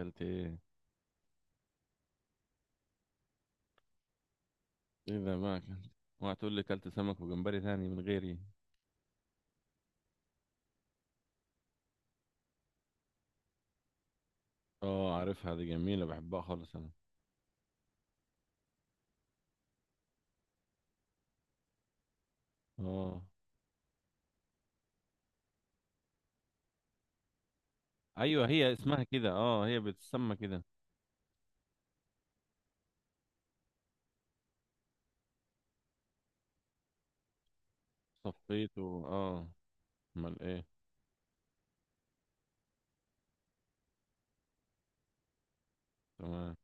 اكلت ايه؟ ايه ده بقى اكلت؟ اوعى تقول لي اكلت سمك وجمبري تاني من غيري. اه، عارفها دي، جميله، بحبها خالص انا. اه، ايوه هي اسمها كده، اه هي بتسمى كده. صفيت اه. امال ايه؟ تمام.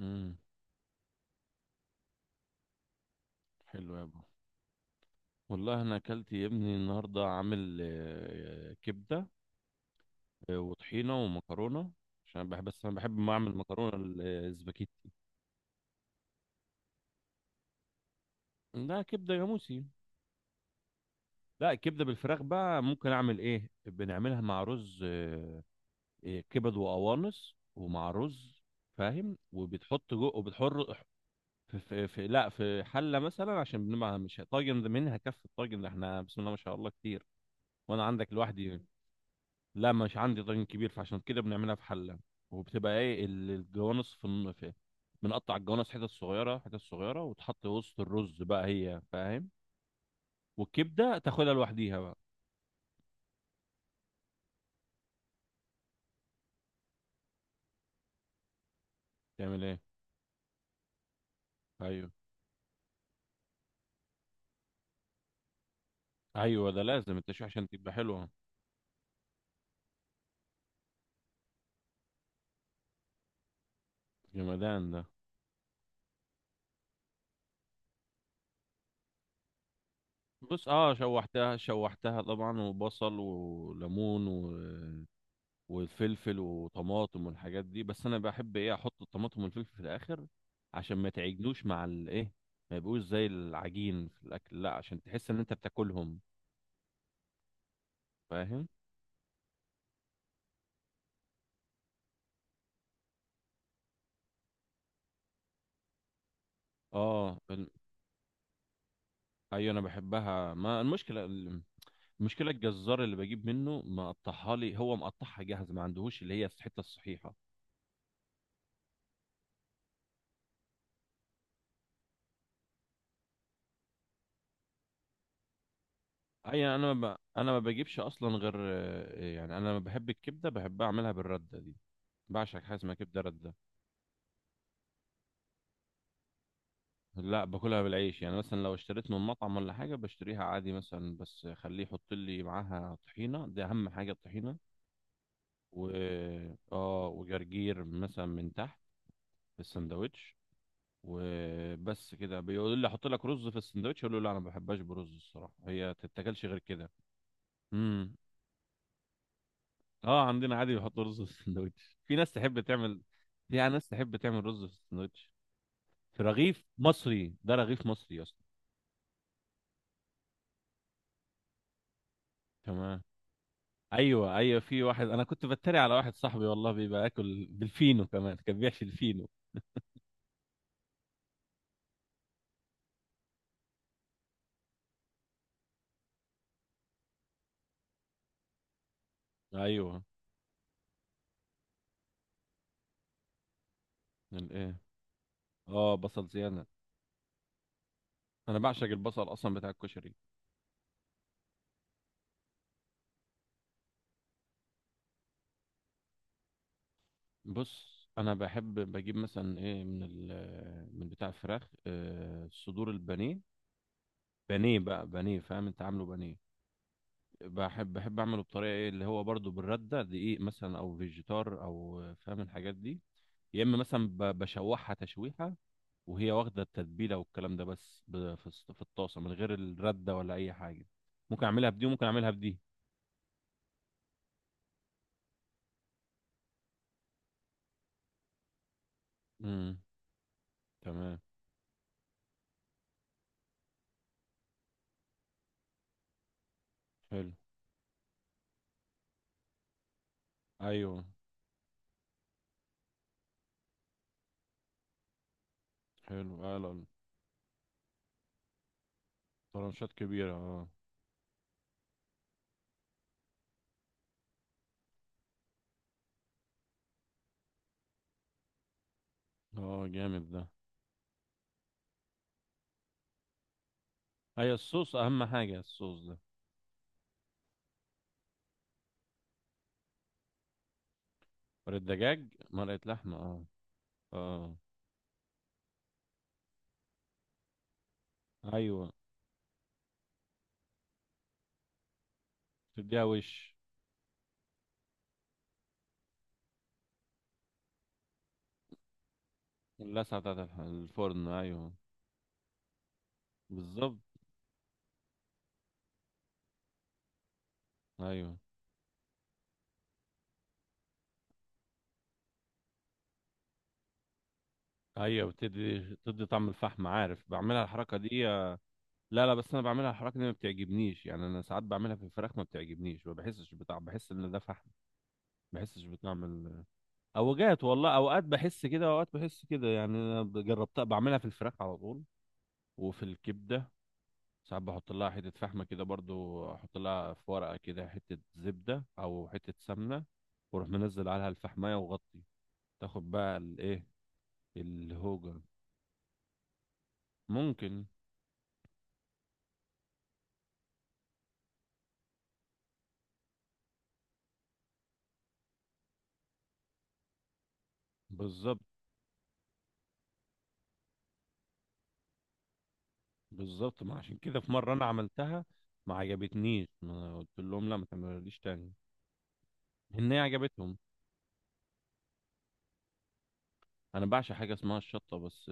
امم. حلو يا ابو. والله انا اكلت يا ابني النهارده عامل كبده، وطحينه ومكرونه. عشان أنا بحب، بس انا بحب ما اعمل مكرونه الاسباجيتي. لا كبده جاموسي. لا الكبده بالفراخ بقى ممكن اعمل ايه، بنعملها مع رز. إيه، كبد وقوانص ومع رز. فاهم؟ وبتحط جو وبتحر. في لا في حله مثلا، عشان بنبقى مش طاجن. ده منها كف الطاجن ده، احنا بسم الله ما شاء الله كتير. وانا عندك لوحدي. لا مش عندي طاجن كبير، فعشان كده بنعملها في حله. وبتبقى ايه الجوانص في، بنقطع الجوانص حتت صغيره حتت صغيره وتحط وسط الرز بقى هي، فاهم؟ والكبده تاخدها لوحديها بقى. تعمل ايه؟ ايوه، ايوه ده لازم التشويح عشان تبقى حلوه. جمدان ده. بص، اه شوحتها شوحتها طبعا، وبصل وليمون والفلفل وطماطم والحاجات دي. بس انا بحب ايه، احط الطماطم والفلفل في الاخر، عشان ما تعجنوش مع الايه، ما يبقوش زي العجين في الاكل، لا عشان تحس ان انت بتاكلهم. فاهم؟ اه ايوه انا بحبها. ما المشكله المشكله الجزار اللي بجيب منه مقطعها لي، هو مقطعها جاهز، ما عندهوش اللي هي الحته الصحيحه. اي، انا ما بجيبش اصلا غير، يعني انا لما بحب الكبده بحب اعملها بالرده دي. بعشق حاجه اسمها كبده رده. لا باكلها بالعيش. يعني مثلا لو اشتريت من مطعم ولا حاجه بشتريها عادي، مثلا بس خليه يحط لي معاها طحينه، دي اهم حاجه الطحينه. و اه، وجرجير مثلا من تحت، في السندوتش. وبس كده. بيقول لي احط لك رز في السندوتش، اقول له لا انا ما بحبهاش برز الصراحه، هي تتاكلش غير كده. امم. اه، عندنا عادي بيحطوا رز في السندوتش، في ناس تحب تعمل، في ناس تحب تعمل رز في السندوتش. في رغيف مصري، ده رغيف مصري اصلا. تمام. ايوه، ايوه في واحد انا كنت بتريق على واحد صاحبي والله، بيبقى ياكل بالفينو كمان، كان بيحشي الفينو. ايوه. الايه؟ اه، بصل زياده. انا بعشق البصل اصلا بتاع الكشري. بص، انا بحب بجيب مثلا ايه، من من بتاع الفراخ، صدور البانيه. بانيه بقى، بانيه، فاهم؟ انت عامله بانيه. بحب اعمله بطريقه ايه، اللي هو برضو بالرده، دقيق مثلا او فيجيتار او، فاهم الحاجات دي. يا اما مثلا بشوحها تشويحه، وهي واخده التتبيله والكلام ده، بس في في الطاسه من غير الرده ولا اي حاجه. ممكن اعملها بدي وممكن اعملها بدي. امم. تمام. حلو. ايوه. حلو، اه، لا، طرنشات كبيره، اه. اه جامد ده. ايوه الصوص، اهم حاجه الصوص ده. مرقه دجاج، مرقه لحمه، اه. اه. ايوه. تديها وش. اللسعة بتاعت الفرن أيوه. بالظبط. أيوه. أيوه بتدي طعم الفحم، عارف بعملها الحركة دي. لا لا، بس أنا بعملها الحركة دي ما بتعجبنيش. يعني أنا ساعات بعملها في الفراخ ما بتعجبنيش، ما بحسش بطعم، بحس إن ده فحم. ما بحسش بطعم ال. أوجات والله، أوقات بحس كده، أوقات بحس كده. يعني أنا جربتها بعملها في الفراخ على طول، وفي الكبدة. ساعات بحط لها حتة فحمة كده برضو، أحط لها في ورقة كده حتة زبدة أو حتة سمنة، وأروح منزل عليها الفحماية وغطي. تاخد بقى الايه، الهوجة. ممكن. بالظبط. بالظبط، ما عشان كده في مرة أنا عملتها ما عجبتنيش، ما قلت لهم لا ما تعملوليش تاني. هي عجبتهم. أنا بعشق حاجة اسمها الشطة، بس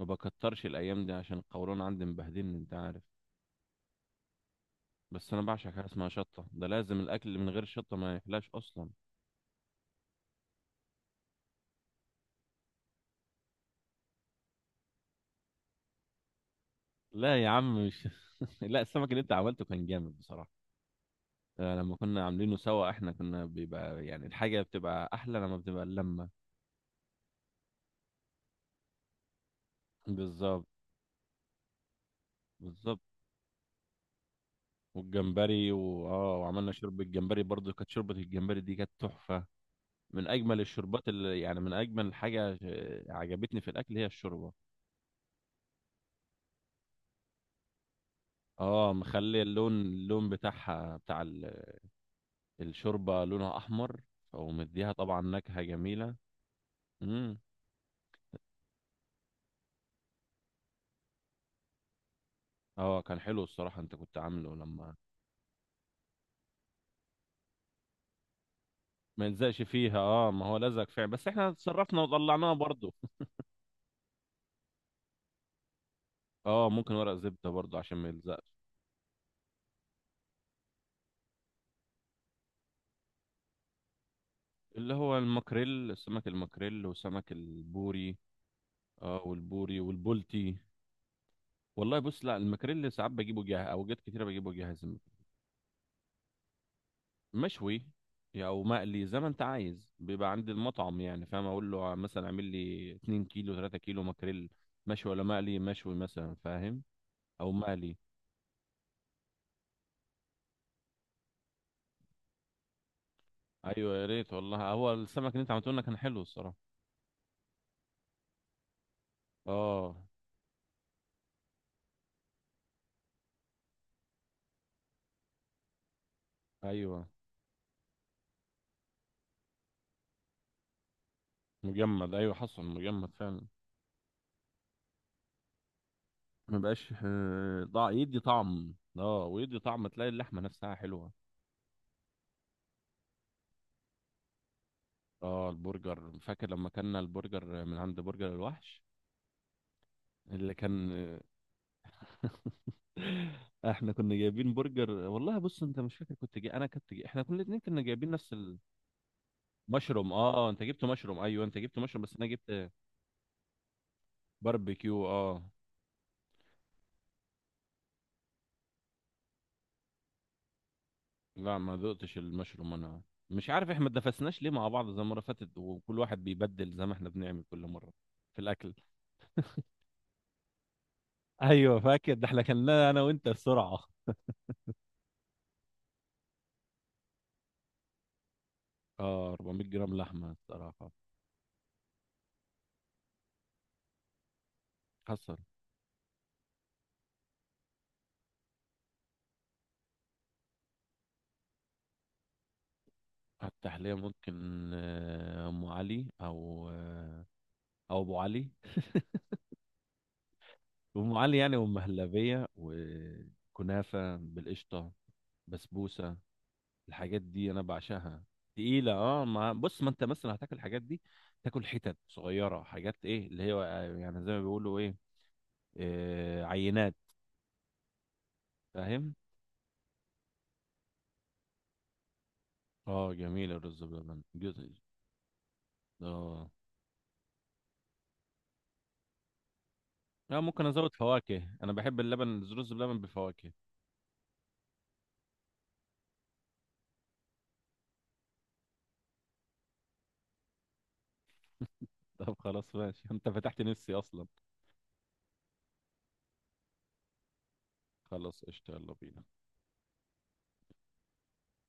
ما بكترش الأيام دي عشان القولون عندي مبهدلني، أنت عارف. بس أنا بعشق حاجة اسمها شطة، ده لازم الأكل اللي من غير شطة ما يحلاش أصلا. لا يا عم مش لا السمك اللي أنت عملته كان جامد بصراحة. لما كنا عاملينه سوا احنا، كنا بيبقى يعني الحاجة بتبقى أحلى لما بتبقى اللمة. بالظبط. بالظبط. والجمبري، وعملنا شوربه الجمبري برضو، كانت شوربه الجمبري دي كانت تحفه. من اجمل الشوربات اللي يعني من اجمل حاجه عجبتني في الاكل، هي الشوربه. اه، مخلي اللون، اللون بتاعها، بتاع الشوربه، لونها احمر، ومديها طبعا نكهه جميله. امم. اه كان حلو الصراحه، انت كنت عامله لما ما يلزقش فيها، اه ما هو لزق فعلا، بس احنا اتصرفنا وطلعناها برضو اه ممكن ورق زبده برضو عشان ما يلزقش. اللي هو الماكريل، سمك الماكريل وسمك البوري. اه، والبوري والبولتي. والله بص، لا المكريل ساعات بجيبه جاهز، اوجات كتيره بجيبه جاهز. مشوي. يعني او مقلي، زي ما انت عايز بيبقى عند المطعم، يعني فاهم، اقول له مثلا اعمل لي 2 كيلو، 3 كيلو مكريل، مشوي ولا مقلي، مشوي مثلا، فاهم. او مقلي. ايوه يا ريت والله، هو السمك اللي انت عملته لنا كان حلو الصراحه. اه. ايوه مجمد، ايوه حصل مجمد فعلا. ما بقاش ضاع، يدي طعم، اه ويدي طعم تلاقي اللحمه نفسها حلوه. اه، البرجر فاكر لما كنا البرجر من عند برجر الوحش. اللي كان. احنا كنا جايبين برجر والله، بص انت مش فاكر، كنت جاي، انا كنت جاي، احنا كنا الاتنين كنا جايبين نفس المشروم، اه، انت جبت مشروم، ايوه انت جبت مشروم، بس انا جبت باربيكيو، اه. لا ما ذقتش المشروم انا. مش عارف احنا ما اتنفسناش ليه مع بعض زي المره اللي فاتت، وكل واحد بيبدل زي ما احنا بنعمل كل مره. في الاكل. ايوه فاكر ده، احنا كلناه انا وانت بسرعه. اه 400 جرام لحمه الصراحه. حصل. على التحلية ممكن أم علي أو، أو أبو علي. أم علي يعني، أم هلبية، وكنافة بالقشطة، بسبوسة، الحاجات دي أنا بعشقها. تقيلة اه، مع بص ما انت مثلا هتاكل الحاجات دي، تاكل حتت صغيرة، حاجات ايه اللي هي، يعني زي ما بيقولوا ايه، آه، عينات. فاهم. اه جميل، الرز بلبن جزء. اه. اه ممكن ازود فواكه، انا بحب اللبن، الرز بلبن بفواكه. طب خلاص ماشي، انت فتحت نفسي اصلا. خلاص قشطة، يلا بينا.